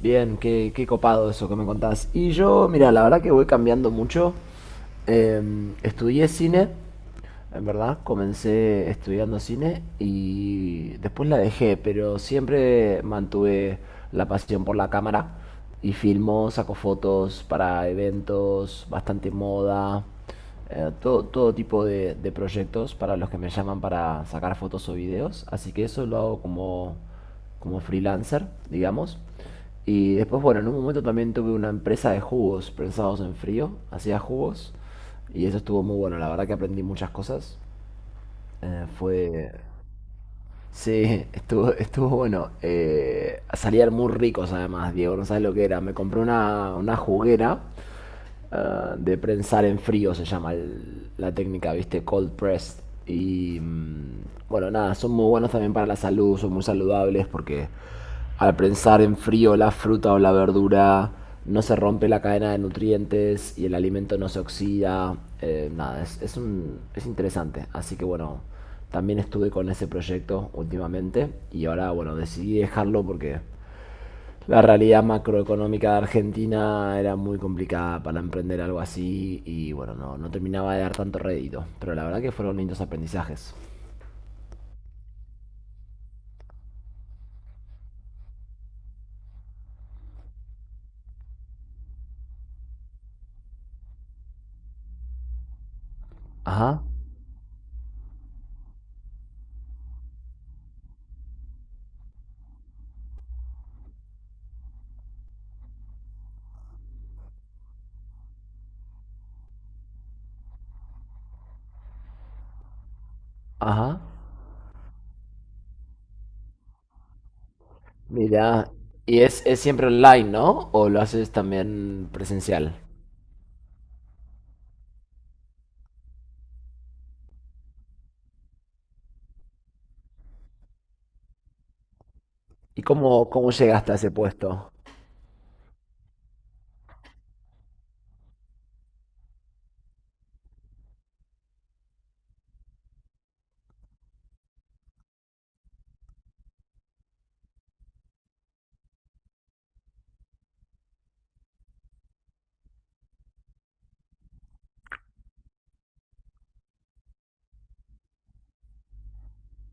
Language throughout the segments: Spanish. Bien, qué copado eso que me contás. Y yo, mira, la verdad que voy cambiando mucho. Estudié cine en verdad, comencé estudiando cine y después la dejé, pero siempre mantuve la pasión por la cámara y filmo, saco fotos para eventos, bastante moda, todo tipo de proyectos para los que me llaman para sacar fotos o videos. Así que eso lo hago como, como freelancer, digamos. Y después, bueno, en un momento también tuve una empresa de jugos pensados en frío, hacía jugos. Y eso estuvo muy bueno, la verdad que aprendí muchas cosas. Eh, fue... Sí, estuvo bueno. Salían muy ricos además, Diego, no sabes lo que era. Me compré una juguera ah, de prensar en frío, se llama la técnica, ¿viste? Cold pressed. Y bueno, nada, son muy buenos también para la salud, son muy saludables porque al prensar en frío la fruta o la verdura no se rompe la cadena de nutrientes y el alimento no se oxida. Nada, es interesante. Así que bueno, también estuve con ese proyecto últimamente y ahora bueno, decidí dejarlo porque la realidad macroeconómica de Argentina era muy complicada para emprender algo así y bueno, no terminaba de dar tanto rédito, pero la verdad que fueron lindos aprendizajes. Ajá, ajá. Mira, y es siempre online, ¿no? ¿O lo haces también presencial? ¿Y cómo llegaste a ese puesto?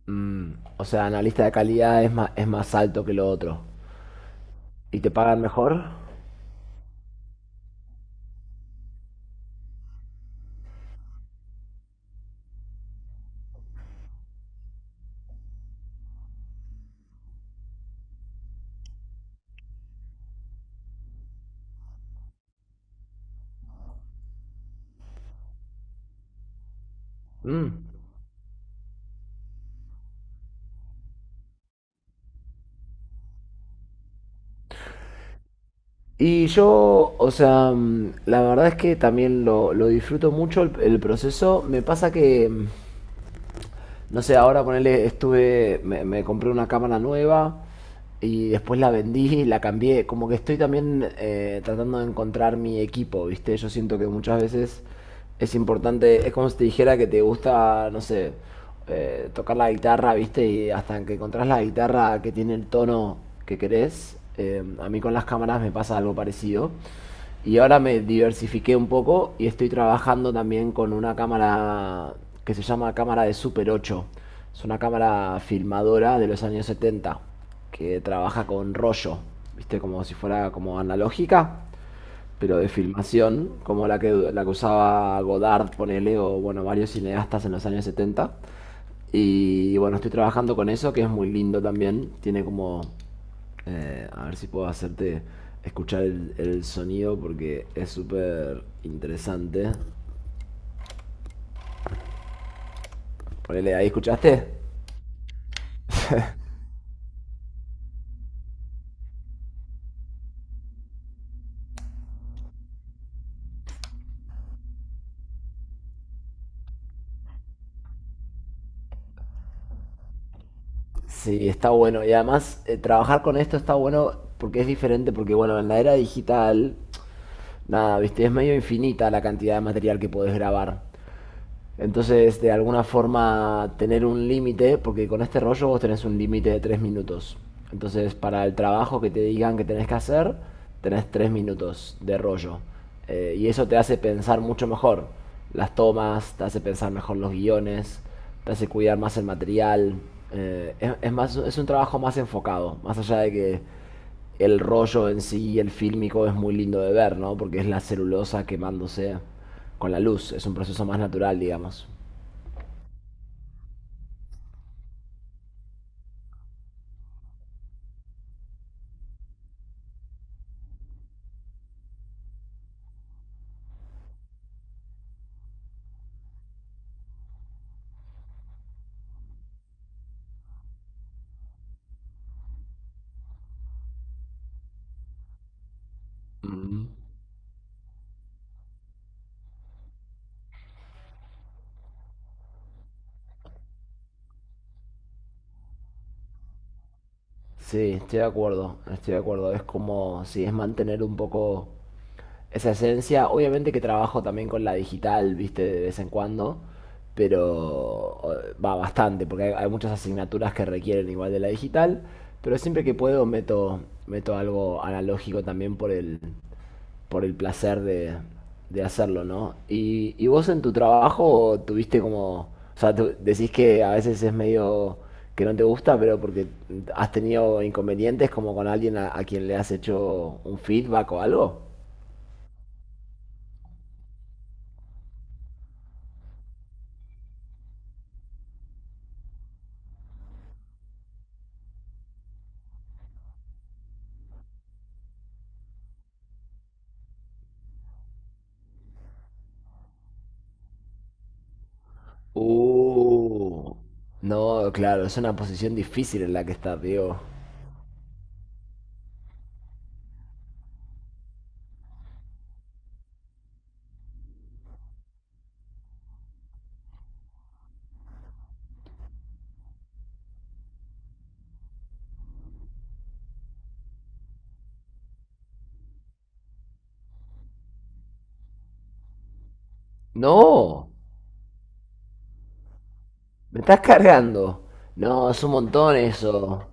Mm, o sea, analista de calidad es más alto que lo otro. ¿Y te pagan mejor? Mm. Y yo, o sea, mm, la verdad es que también lo disfruto mucho el proceso. Me pasa que mm, no sé, ahora ponerle, me compré una cámara nueva y después la vendí, la cambié. Como que estoy también tratando de encontrar mi equipo, ¿viste? Yo siento que muchas veces es importante, es como si te dijera que te gusta, no sé, tocar la guitarra, ¿viste? Y hasta que encontrás la guitarra que tiene el tono que querés, a mí con las cámaras me pasa algo parecido. Y ahora me diversifiqué un poco y estoy trabajando también con una cámara que se llama cámara de Super 8. Es una cámara filmadora de los años 70 que trabaja con rollo, ¿viste? Como si fuera como analógica pero de filmación, como la que usaba Godard, ponele, o bueno, varios cineastas en los años 70. Y bueno, estoy trabajando con eso, que es muy lindo también. Tiene como... A ver si puedo hacerte escuchar el sonido porque es súper interesante. Ponele, ahí escuchaste. Sí, está bueno. Y además, trabajar con esto está bueno porque es diferente, porque bueno, en la era digital, nada, viste, es medio infinita la cantidad de material que podés grabar. Entonces, este, de alguna forma, tener un límite, porque con este rollo vos tenés un límite de 3 minutos. Entonces, para el trabajo que te digan que tenés que hacer, tenés 3 minutos de rollo. Y eso te hace pensar mucho mejor las tomas, te hace pensar mejor los guiones, te hace cuidar más el material. Es un trabajo más enfocado, más allá de que el rollo en sí, el fílmico, es muy lindo de ver, ¿no? Porque es la celulosa quemándose con la luz, es un proceso más natural, digamos. Mm. Sí, estoy de acuerdo, estoy de acuerdo. Es como, si es mantener un poco esa esencia. Obviamente que trabajo también con la digital, viste, de vez en cuando, pero va bastante, porque hay muchas asignaturas que requieren igual de la digital, pero siempre que puedo meto, meto algo analógico también por por el placer de hacerlo, ¿no? Y vos en tu trabajo tuviste como, o sea, tú decís que a veces es medio que no te gusta, pero porque has tenido inconvenientes como con alguien a quien le has hecho un feedback o algo. Uh, no, claro, es una posición difícil en la que estás, Diego. No, me estás cargando. No, es un montón eso.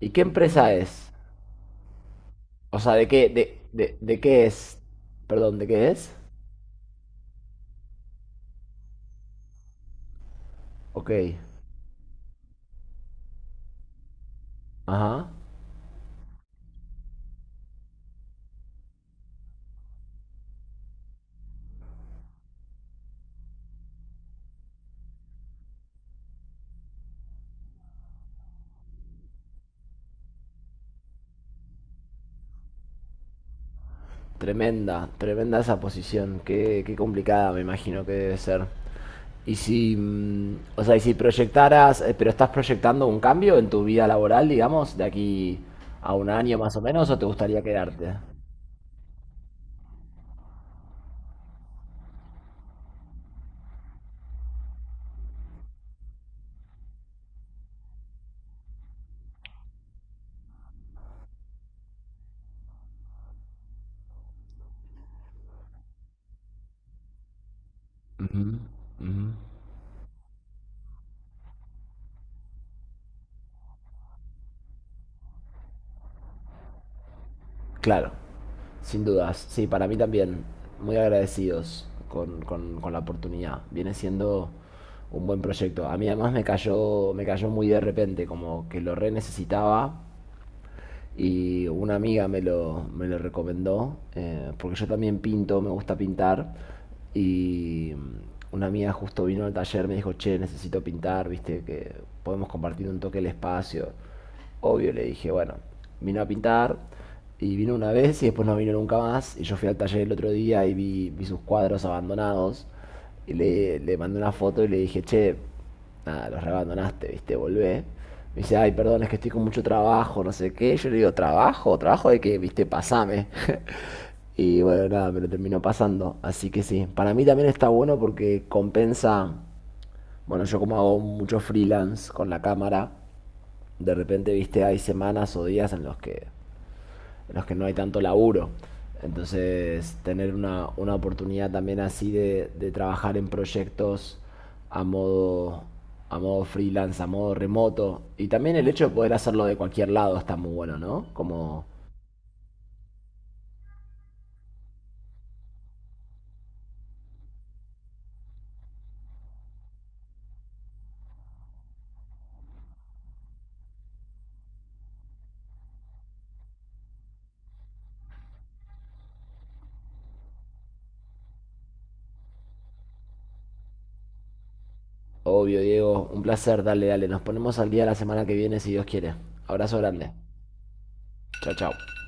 ¿Y qué empresa es? O sea, ¿de qué, de qué es? Perdón, ¿de qué es? Ok, ajá. Tremenda, tremenda esa posición. Qué complicada me imagino que debe ser. Y si, mm, o sea, y si proyectaras, pero estás proyectando un cambio en tu vida laboral, digamos, de aquí a un año más o menos, o te gustaría quedarte? Ujú, ujú. Claro, sin dudas. Sí, para mí también. Muy agradecidos con la oportunidad. Viene siendo un buen proyecto. A mí además me cayó muy de repente, como que lo re necesitaba y una amiga me lo recomendó, porque yo también pinto, me gusta pintar, y una amiga justo vino al taller, me dijo, che, necesito pintar, viste, que podemos compartir un toque el espacio. Obvio, le dije, bueno, vino a pintar, y vino una vez y después no vino nunca más, y yo fui al taller el otro día y vi, vi sus cuadros abandonados, y le mandé una foto y le dije, che, nada, los reabandonaste, viste, volvé. Me dice, ay, perdón, es que estoy con mucho trabajo, no sé qué. Yo le digo, ¿trabajo? ¿Trabajo de qué? Viste, pasame. Y bueno, nada, me lo terminó pasando. Así que sí, para mí también está bueno porque compensa. Bueno, yo como hago mucho freelance con la cámara, de repente, viste, hay semanas o días en los que no hay tanto laburo. Entonces, tener una oportunidad también así de trabajar en proyectos a modo, a modo freelance, a modo remoto. Y también el hecho de poder hacerlo de cualquier lado está muy bueno, ¿no? Como, obvio, Diego, un placer, dale, dale. Nos ponemos al día la semana que viene si Dios quiere. Abrazo grande. Chao, chao.